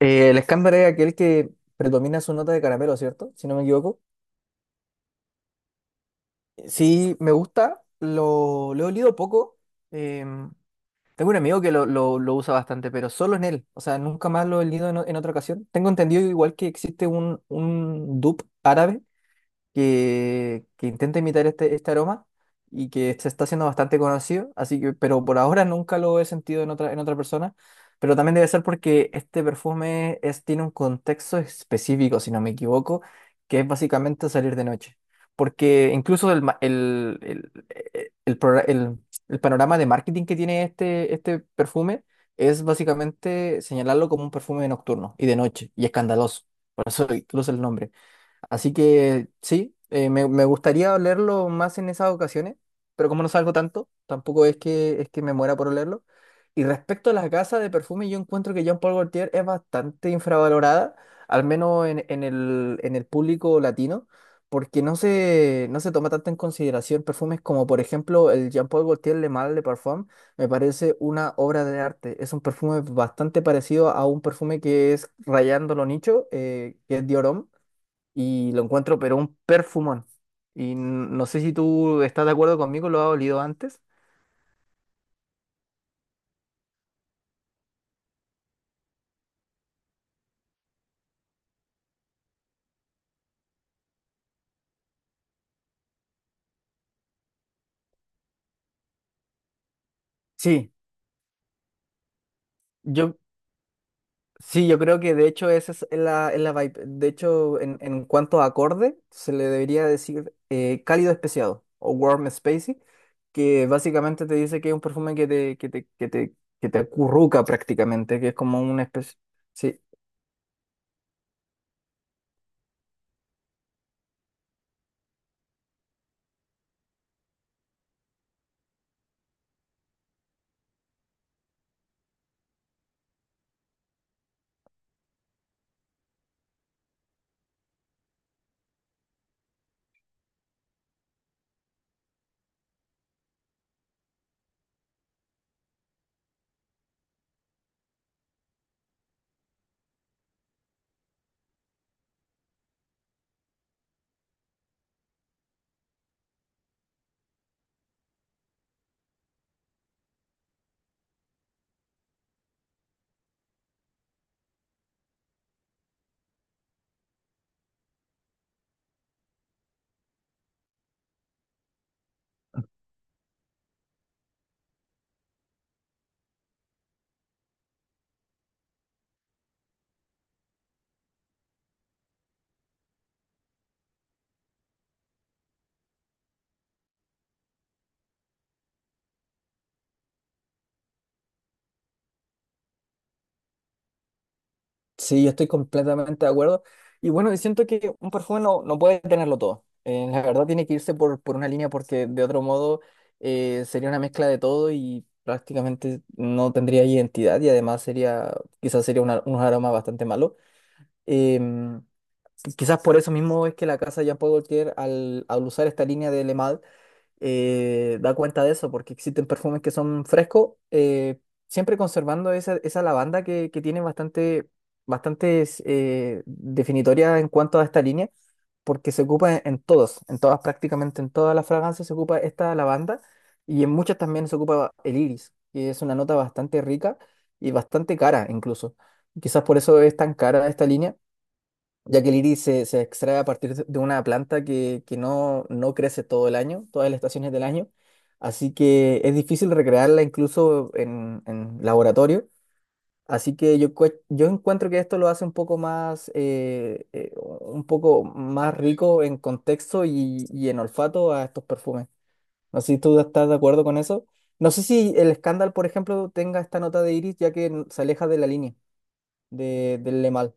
El escándalo es aquel que predomina su nota de caramelo, ¿cierto? Si no me equivoco. Sí, me gusta, lo he olido poco. em, Tengo un amigo que lo usa bastante, pero solo en él. O sea, nunca más lo he olido en, en otra ocasión. Tengo entendido igual que existe un dupe árabe que intenta imitar este aroma y que se está haciendo bastante conocido, así que, pero por ahora nunca lo he sentido en otra persona, pero también debe ser porque este perfume es, tiene un contexto específico, si no me equivoco, que es básicamente salir de noche, porque incluso el, ma- el progra- el panorama de marketing que tiene este perfume es básicamente señalarlo como un perfume nocturno y de noche, y escandaloso, por eso incluso el nombre. Así que sí, me gustaría olerlo más en esas ocasiones, pero como no salgo tanto, tampoco es que, es que me muera por olerlo. Y respecto a las gasas de perfume, yo encuentro que Jean Paul Gaultier es bastante infravalorada, al menos en el público latino, porque no se toma tanto en consideración perfumes como, por ejemplo, el Jean Paul Gaultier Le Mal de Parfum, me parece una obra de arte. Es un perfume bastante parecido a un perfume que es Rayando lo Nicho, que es Dior Homme y lo encuentro, pero un perfumón. Y no sé si tú estás de acuerdo conmigo, lo has olido antes. Sí, yo, sí, yo creo que de hecho esa es es la vibe. De hecho, en cuanto a acorde, se le debería decir cálido especiado o warm spacey, que básicamente te dice que es un perfume que te acurruca prácticamente, que es como una especie. Sí. Sí, yo estoy completamente de acuerdo. Y bueno, y siento que un perfume no puede tenerlo todo. La verdad tiene que irse por una línea porque de otro modo sería una mezcla de todo y prácticamente no tendría identidad y además sería, quizás sería unos aromas bastante malos. Em, Quizás por eso mismo es que la casa Jean Paul Gaultier, al usar esta línea de Le Male, da cuenta de eso, porque existen perfumes que son frescos, siempre conservando esa lavanda que tiene bastante, bastantes definitoria en cuanto a esta línea, porque se ocupa en todos, en todas, prácticamente en todas las fragancias se ocupa esta lavanda y en muchas también se ocupa el iris, que es una nota bastante rica y bastante cara incluso. Quizás por eso es tan cara esta línea ya que el iris se extrae a partir de una planta que no crece todo el año, todas las estaciones del año, así que es difícil recrearla incluso en laboratorio, así que yo encuentro que esto lo hace un poco más rico en contexto y en olfato a estos perfumes. No sé si tú estás de acuerdo con eso. No sé si el escándalo, por ejemplo, tenga esta nota de iris, ya que se aleja de la línea del Le Mal.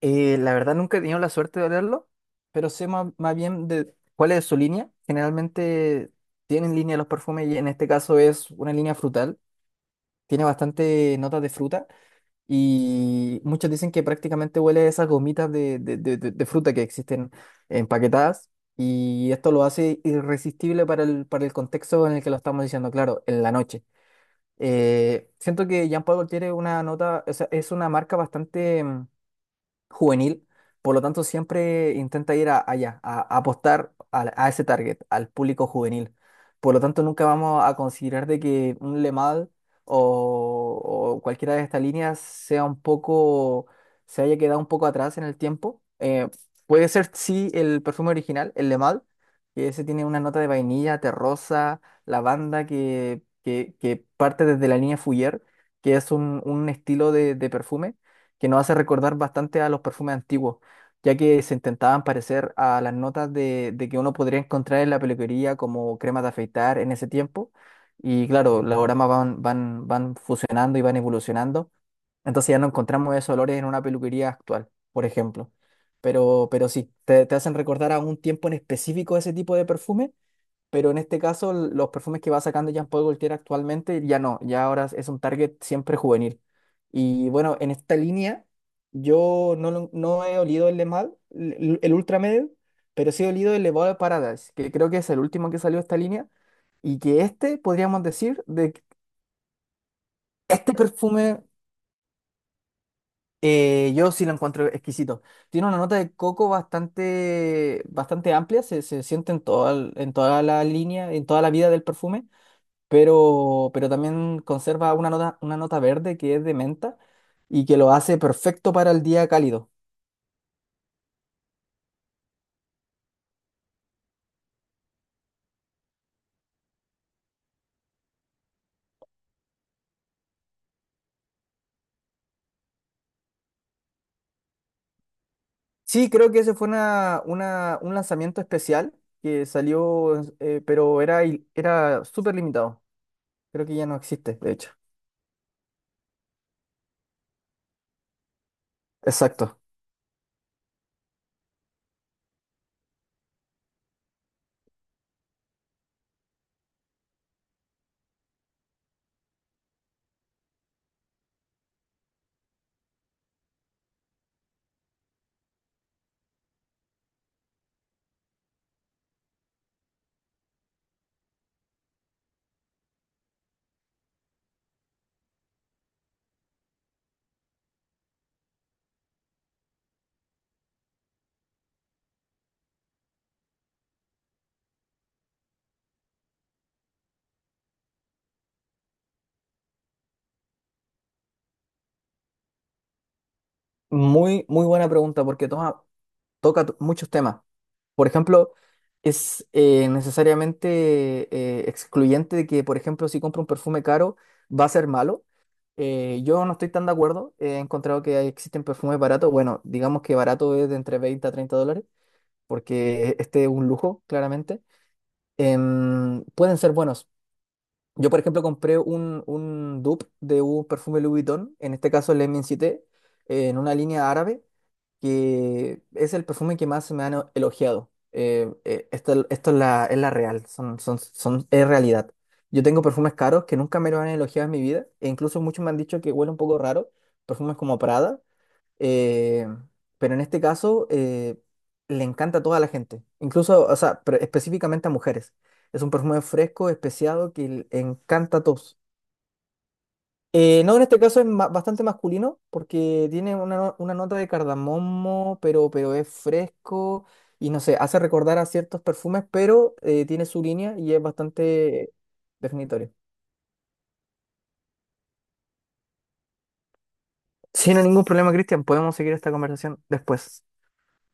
La verdad nunca he tenido la suerte de leerlo, pero sé más, más bien de cuál es su línea. Generalmente tienen línea los perfumes y en este caso es una línea frutal. Tiene bastante notas de fruta y muchos dicen que prácticamente huele a esas gomitas de fruta que existen empaquetadas y esto lo hace irresistible para el contexto en el que lo estamos diciendo, claro, en la noche. Siento que Jean Paul Gaultier es una nota, o sea, es una marca bastante juvenil, por lo tanto siempre intenta ir a apostar ese target, al público juvenil. Por lo tanto, nunca vamos a considerar de que un Le Mal o, o cualquiera de estas líneas sea un poco, se haya quedado un poco atrás en el tiempo. Puede ser, sí, el perfume original, el Le Mal, que ese tiene una nota de vainilla, terrosa, lavanda que parte desde la línea Fougère, que es un estilo de perfume que nos hace recordar bastante a los perfumes antiguos, ya que se intentaban parecer a las notas de que uno podría encontrar en la peluquería como crema de afeitar en ese tiempo. Y claro, los aromas van fusionando y van evolucionando. Entonces ya no encontramos esos olores en una peluquería actual, por ejemplo. Pero sí, te hacen recordar a un tiempo en específico ese tipo de perfume pero en este caso los perfumes que va sacando Jean-Paul Gaultier actualmente ya no, ya ahora es un target siempre juvenil. Y bueno, en esta línea yo no, lo- no he olido el Le Mal, el Ultra Medel, pero sí he olido el Le Val de Paradise, que creo que es el último que salió de esta línea, y que este podríamos decir de que este perfume yo sí lo encuentro exquisito. Tiene una nota de coco bastante, bastante amplia, se siente en toda la línea, en toda la vida del perfume. Pero también conserva una nota verde que es de menta y que lo hace perfecto para el día cálido. Sí, creo que ese fue un lanzamiento especial que salió, pero era, era súper limitado. Creo que ya no existe, de hecho. Exacto. Muy, muy buena pregunta porque toca muchos temas. Por ejemplo, es necesariamente excluyente de que, por ejemplo, si compro un perfume caro, va a ser malo. Yo no estoy tan de acuerdo. He encontrado que existen perfumes baratos. Bueno, digamos que barato es de entre 20 a 30 dólares, porque este es un lujo, claramente. Pueden ser buenos. Yo, por ejemplo, compré un dupe de un perfume Louis Vuitton, en este caso el M7, en una línea árabe que es el perfume que más se me han elogiado. Esto es es la real, es realidad. Yo tengo perfumes caros que nunca me lo han elogiado en mi vida, e incluso muchos me han dicho que huele un poco raro, perfumes como Prada, eh, pero en este caso le encanta a toda la gente, incluso, o sea, pero específicamente a mujeres. Es un perfume fresco, especiado, que le encanta a todos. No, en este caso es bastante masculino porque tiene una, una nota de cardamomo, pero es fresco y no sé, hace recordar a ciertos perfumes, pero tiene su línea y es bastante definitorio. Sin ningún problema, Cristian, podemos seguir esta conversación después.